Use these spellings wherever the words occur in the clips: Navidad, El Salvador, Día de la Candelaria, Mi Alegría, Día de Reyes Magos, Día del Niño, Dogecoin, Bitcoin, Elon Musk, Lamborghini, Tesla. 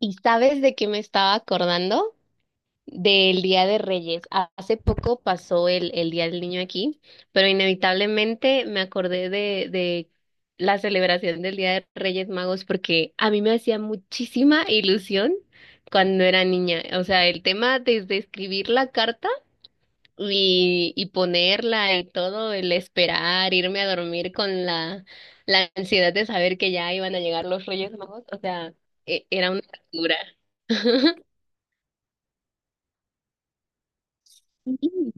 ¿Y sabes de qué me estaba acordando? Del Día de Reyes. Hace poco pasó el Día del Niño aquí, pero inevitablemente me acordé de la celebración del Día de Reyes Magos porque a mí me hacía muchísima ilusión cuando era niña. O sea, el tema desde escribir la carta y ponerla y todo, el esperar, irme a dormir con la ansiedad de saber que ya iban a llegar los Reyes Magos, o sea, era una locura. Mm.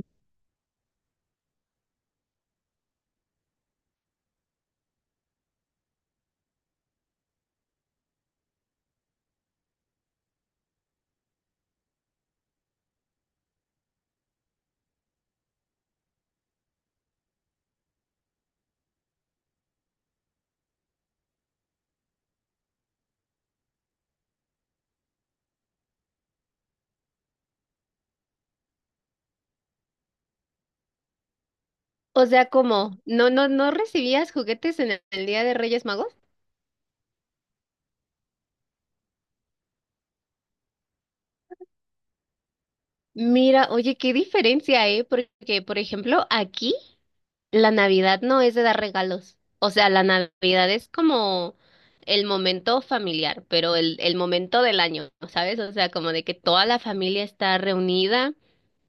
O sea, ¿cómo? ¿No, no, no recibías juguetes en el Día de Reyes Magos? Mira, oye, qué diferencia, ¿eh? Porque, por ejemplo, aquí la Navidad no es de dar regalos. O sea, la Navidad es como el momento familiar, pero el momento del año, ¿sabes? O sea, como de que toda la familia está reunida.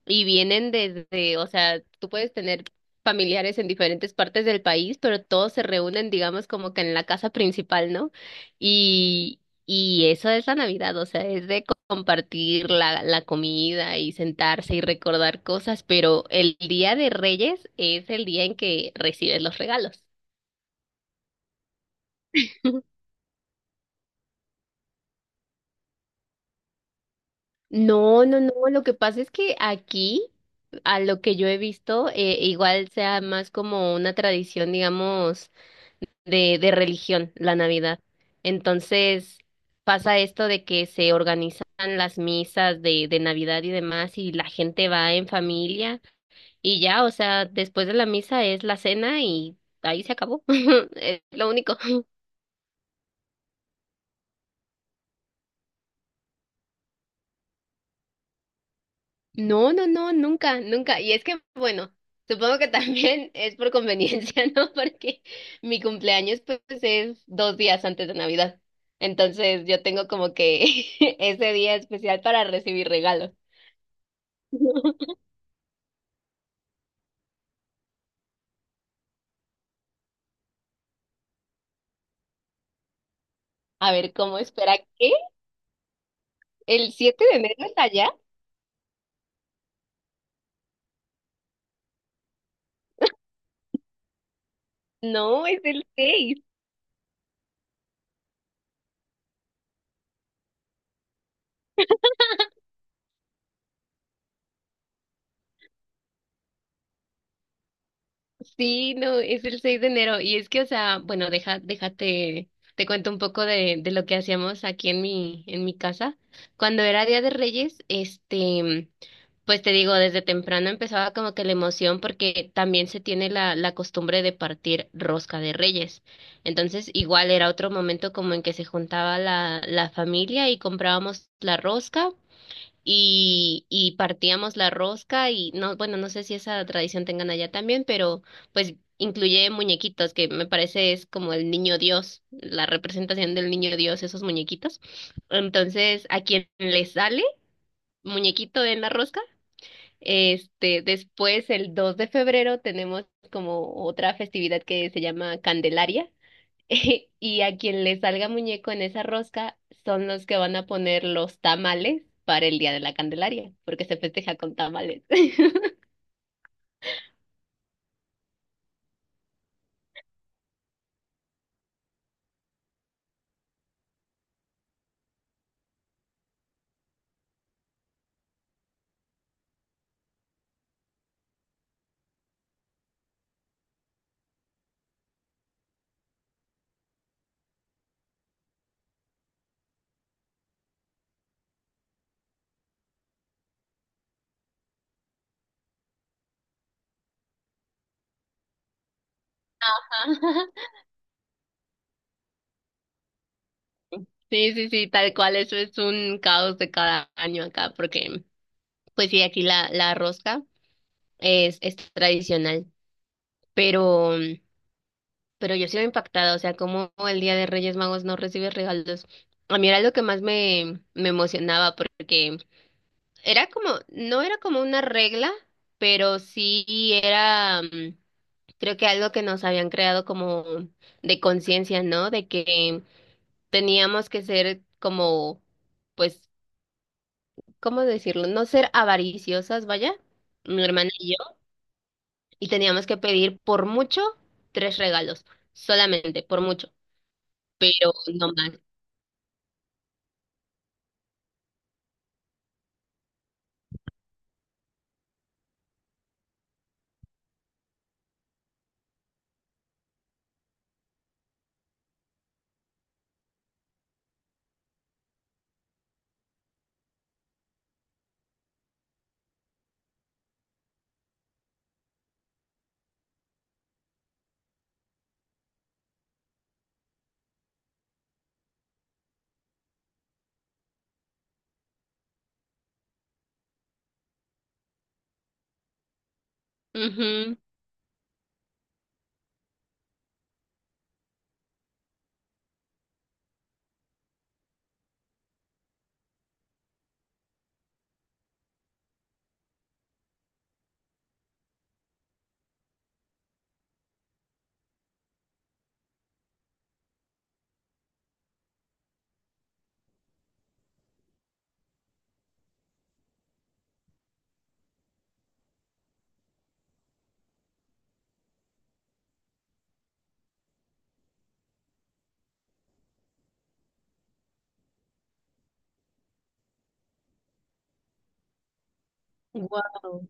Y vienen desde, o sea, tú puedes tener familiares en diferentes partes del país, pero todos se reúnen, digamos, como que en la casa principal, ¿no? Y, y eso es la Navidad, o sea, es de compartir la comida y sentarse y recordar cosas, pero el Día de Reyes es el día en que recibes los regalos. No, no, no, lo que pasa es que aquí, a lo que yo he visto, igual sea más como una tradición, digamos de religión, la Navidad. Entonces pasa esto de que se organizan las misas de Navidad y demás y la gente va en familia y ya, o sea, después de la misa es la cena y ahí se acabó. Es lo único. No, no, no, nunca, nunca. Y es que, bueno, supongo que también es por conveniencia, ¿no? Porque mi cumpleaños pues es 2 días antes de Navidad. Entonces yo tengo como que ese día especial para recibir regalos. A ver, ¿cómo espera qué? ¿El 7 de enero es allá? No, es el 6. Sí, no, es el 6 de enero. Y es que, o sea, bueno, deja, déjate, te cuento un poco de lo que hacíamos aquí en mi casa. Cuando era Día de Reyes, este, pues te digo, desde temprano empezaba como que la emoción porque también se tiene la costumbre de partir rosca de reyes. Entonces, igual era otro momento como en que se juntaba la familia y comprábamos la rosca y partíamos la rosca y no, bueno, no sé si esa tradición tengan allá también, pero pues incluye muñequitos, que me parece es como el niño Dios, la representación del niño Dios, esos muñequitos. Entonces, a quien le sale muñequito en la rosca, este, después el 2 de febrero tenemos como otra festividad que se llama Candelaria. Y a quien le salga muñeco en esa rosca son los que van a poner los tamales para el Día de la Candelaria, porque se festeja con tamales. Ajá. Sí, sí, sí, tal cual, eso es un caos de cada año acá, porque pues sí, aquí la rosca es tradicional, pero, pero yo sigo impactada, o sea, como el Día de Reyes Magos no recibe regalos. A mí era lo que más me emocionaba, porque era como, no era como una regla, pero sí era, creo que algo que nos habían creado como de conciencia, ¿no? De que teníamos que ser como, pues, ¿cómo decirlo? No ser avariciosas, vaya, mi hermana y yo, y teníamos que pedir por mucho tres regalos, solamente, por mucho, pero no más. Mhm. Wow.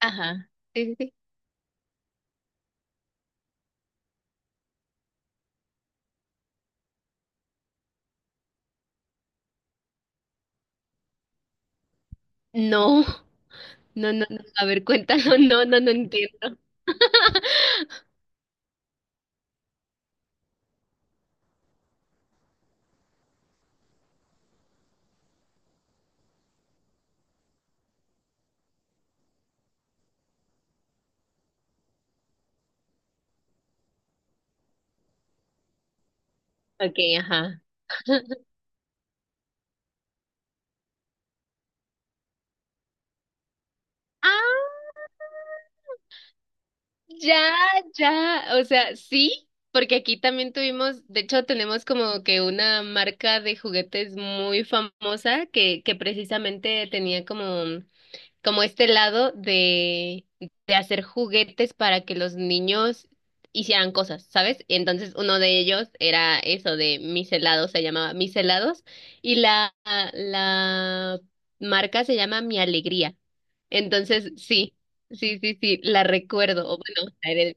Ajá. Sí, sí, sí. No, no, no, no. A ver, cuéntalo. No, no, no entiendo. Ok, ajá. Ah, ya, ya. O sea, sí, porque aquí también tuvimos, de hecho, tenemos como que una marca de juguetes muy famosa que precisamente tenía como este lado de hacer juguetes para que los niños hicieran cosas, ¿sabes? Entonces uno de ellos era eso de mis helados, se llamaba mis helados, y la marca se llama Mi Alegría. Entonces, sí, sí, sí, sí, la recuerdo, o bueno, la heredé.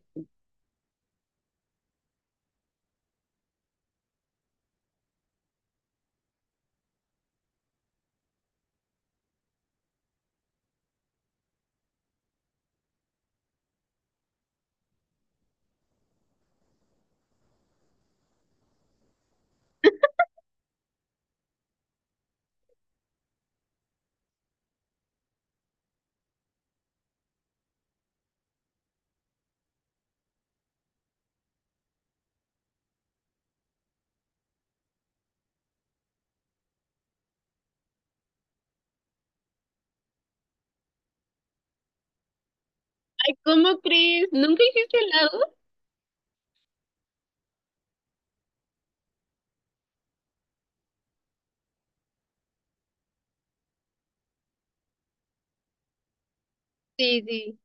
Ay, ¿cómo crees? ¿Nunca hiciste helado? Sí, sí.